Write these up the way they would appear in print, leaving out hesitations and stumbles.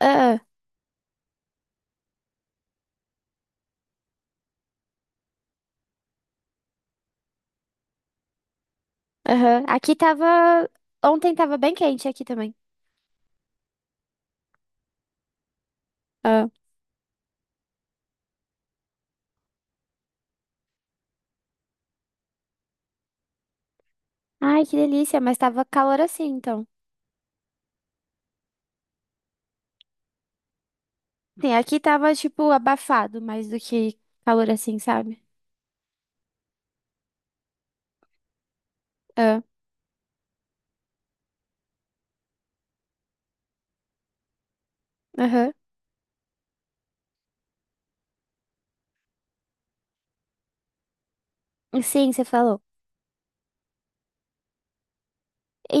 Ah, aham. Aqui tava. Ontem tava bem quente aqui também. Ah. Ai, que delícia, mas tava calor assim, então. Sim, aqui tava, tipo, abafado mais do que calor assim, sabe? Ah, aham. Sim, você falou.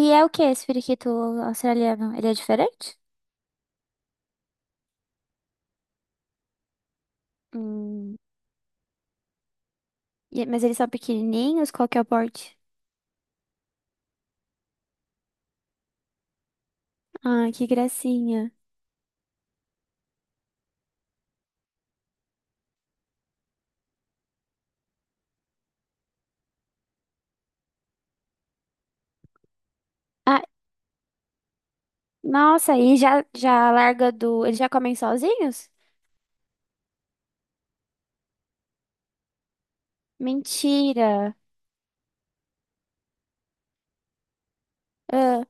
E é o que esse periquito australiano? Ele é diferente? Hum. Mas eles são pequenininhos? Qual que é o porte? Ah, que gracinha. Ah, nossa, e já larga do. Eles já comem sozinhos? Mentira. Ah.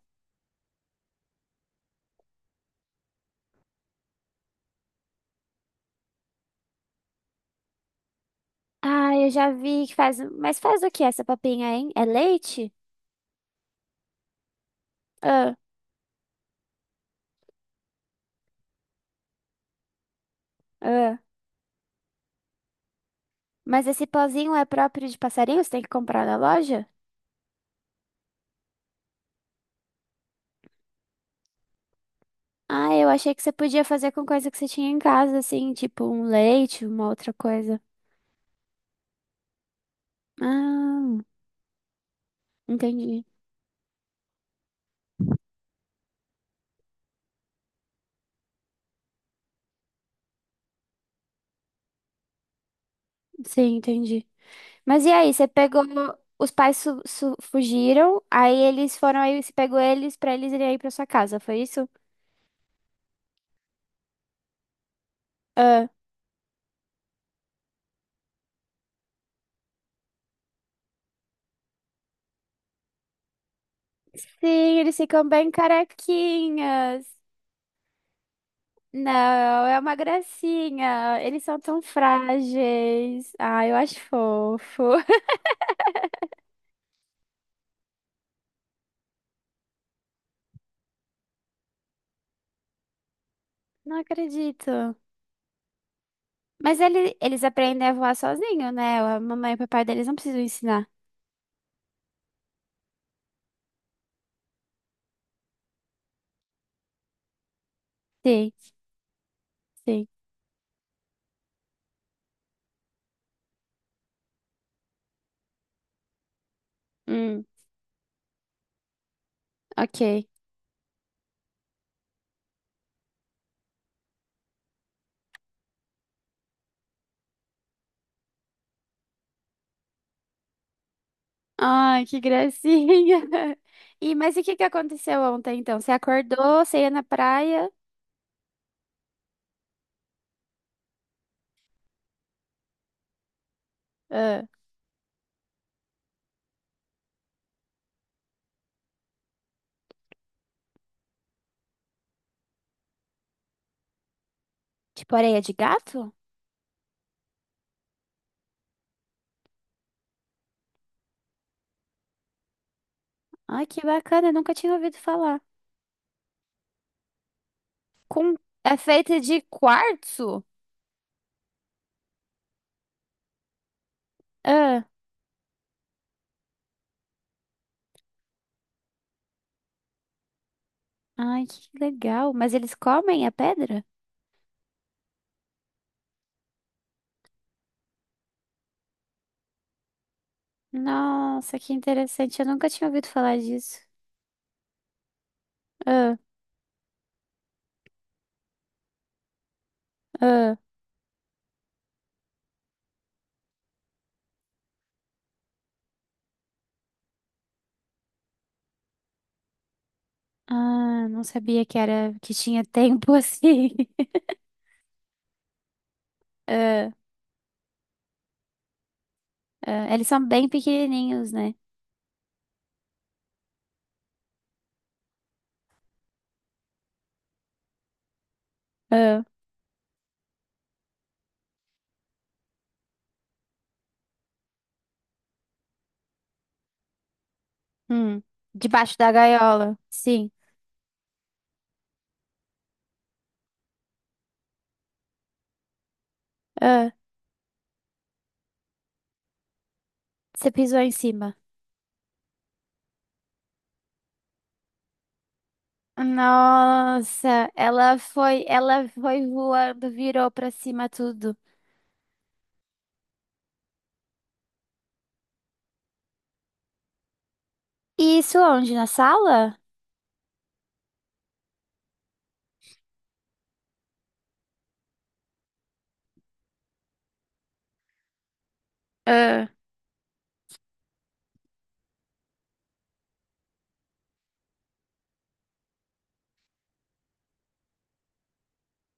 Ah, eu já vi que faz. Mas faz o que essa papinha, hein? É leite? Ah, ah. Mas esse pozinho é próprio de passarinho? Você tem que comprar na loja? Ah, eu achei que você podia fazer com coisa que você tinha em casa, assim, tipo um leite, uma outra coisa. Ah, entendi. Sim, entendi. Mas e aí, você pegou. Os pais fugiram, aí eles foram aí, você pegou eles pra eles irem aí pra sua casa, foi isso? Ah. Sim, eles ficam bem carequinhas. Não, é uma gracinha. Eles são tão frágeis. Ah, eu acho fofo. Não acredito. Mas eles aprendem a voar sozinho, né? A mamãe e o papai deles não precisam ensinar. Sim, sim. Hum, ok. Ai, que gracinha. E, mas e o que que aconteceu ontem, então? Você acordou, você ia na praia? Ah, tipo areia de gato? Ai, que bacana, nunca tinha ouvido falar. Com... É feita de quartzo? Ai, que legal. Mas eles comem a pedra? Nossa, que interessante. Eu nunca tinha ouvido falar disso. Ah, ah, não sabia que era que tinha tempo assim. Ah, Eles são bem pequenininhos, né? Ah, hum. Debaixo da gaiola. Sim. Ah, você pisou em cima. Nossa, ela foi voando, virou pra cima tudo. E isso onde? Na sala? Ah,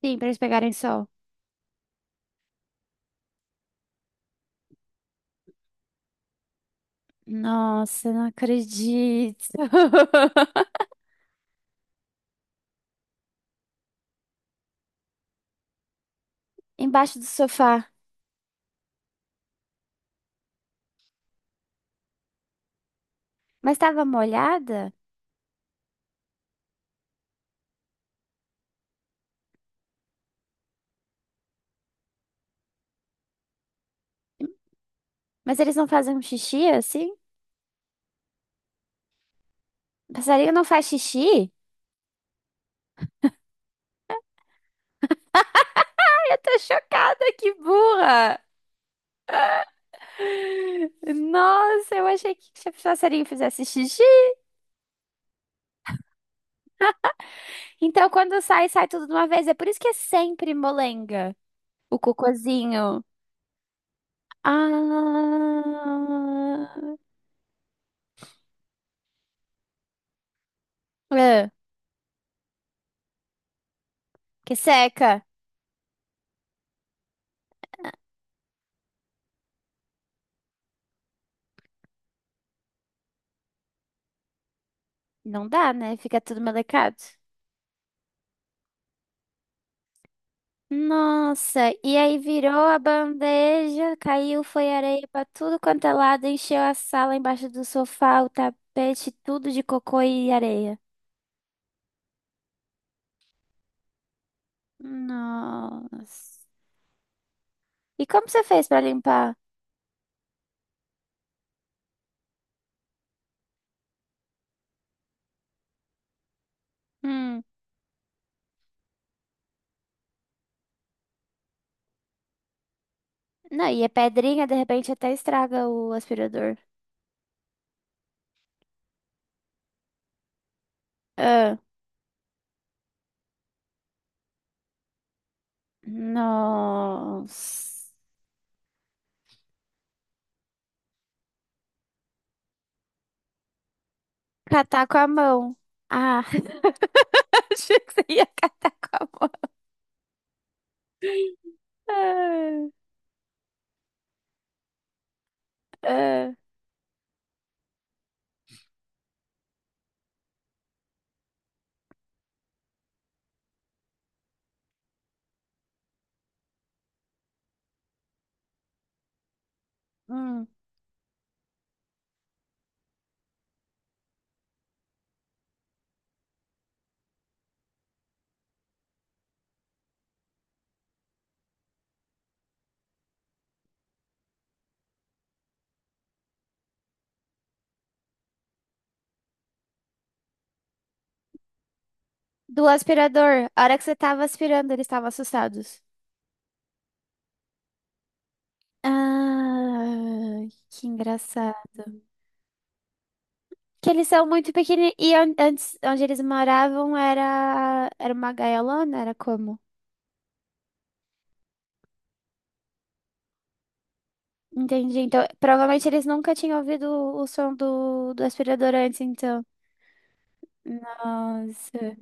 sim, pra eles pegarem sol. Nossa, não acredito. Embaixo do sofá. Mas estava molhada? Mas eles não fazem um xixi assim? Passarinho não faz xixi? Ai, eu tô chocada, que burra! Nossa, eu achei que se o passarinho fizesse xixi. Então, quando sai, sai tudo de uma vez. É por isso que é sempre molenga, o cocôzinho. Ah, é, que seca. Não dá, né? Fica tudo melecado. Nossa, e aí virou a bandeja, caiu, foi areia pra tudo quanto é lado, encheu a sala embaixo do sofá, o tapete, tudo de cocô e areia. Nossa. E como você fez pra limpar? Hum. Não, e a pedrinha de repente até estraga o aspirador. Ah. Nossa. Catar com a mão. Ah, achei que você ia catar com a mão. Ah, ah. Do aspirador. A hora que você tava aspirando, eles estavam assustados. Ah, que engraçado. Que eles são muito pequeninos. E antes, onde eles moravam era, era uma gaiolona, era como? Entendi. Então, provavelmente eles nunca tinham ouvido o som do aspirador antes, então. Nossa.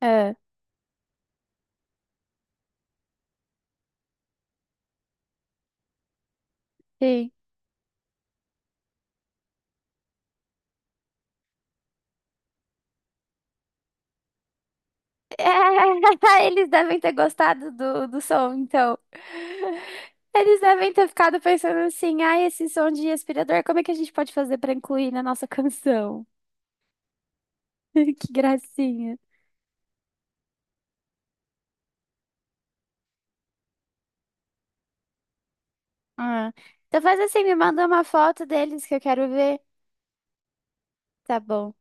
É, sim. É, eles devem ter gostado do, do som, então. Eles devem ter ficado pensando assim: ai, esse som de aspirador, como é que a gente pode fazer pra incluir na nossa canção? Que gracinha. Ah. Então faz assim, me manda uma foto deles que eu quero ver. Tá bom.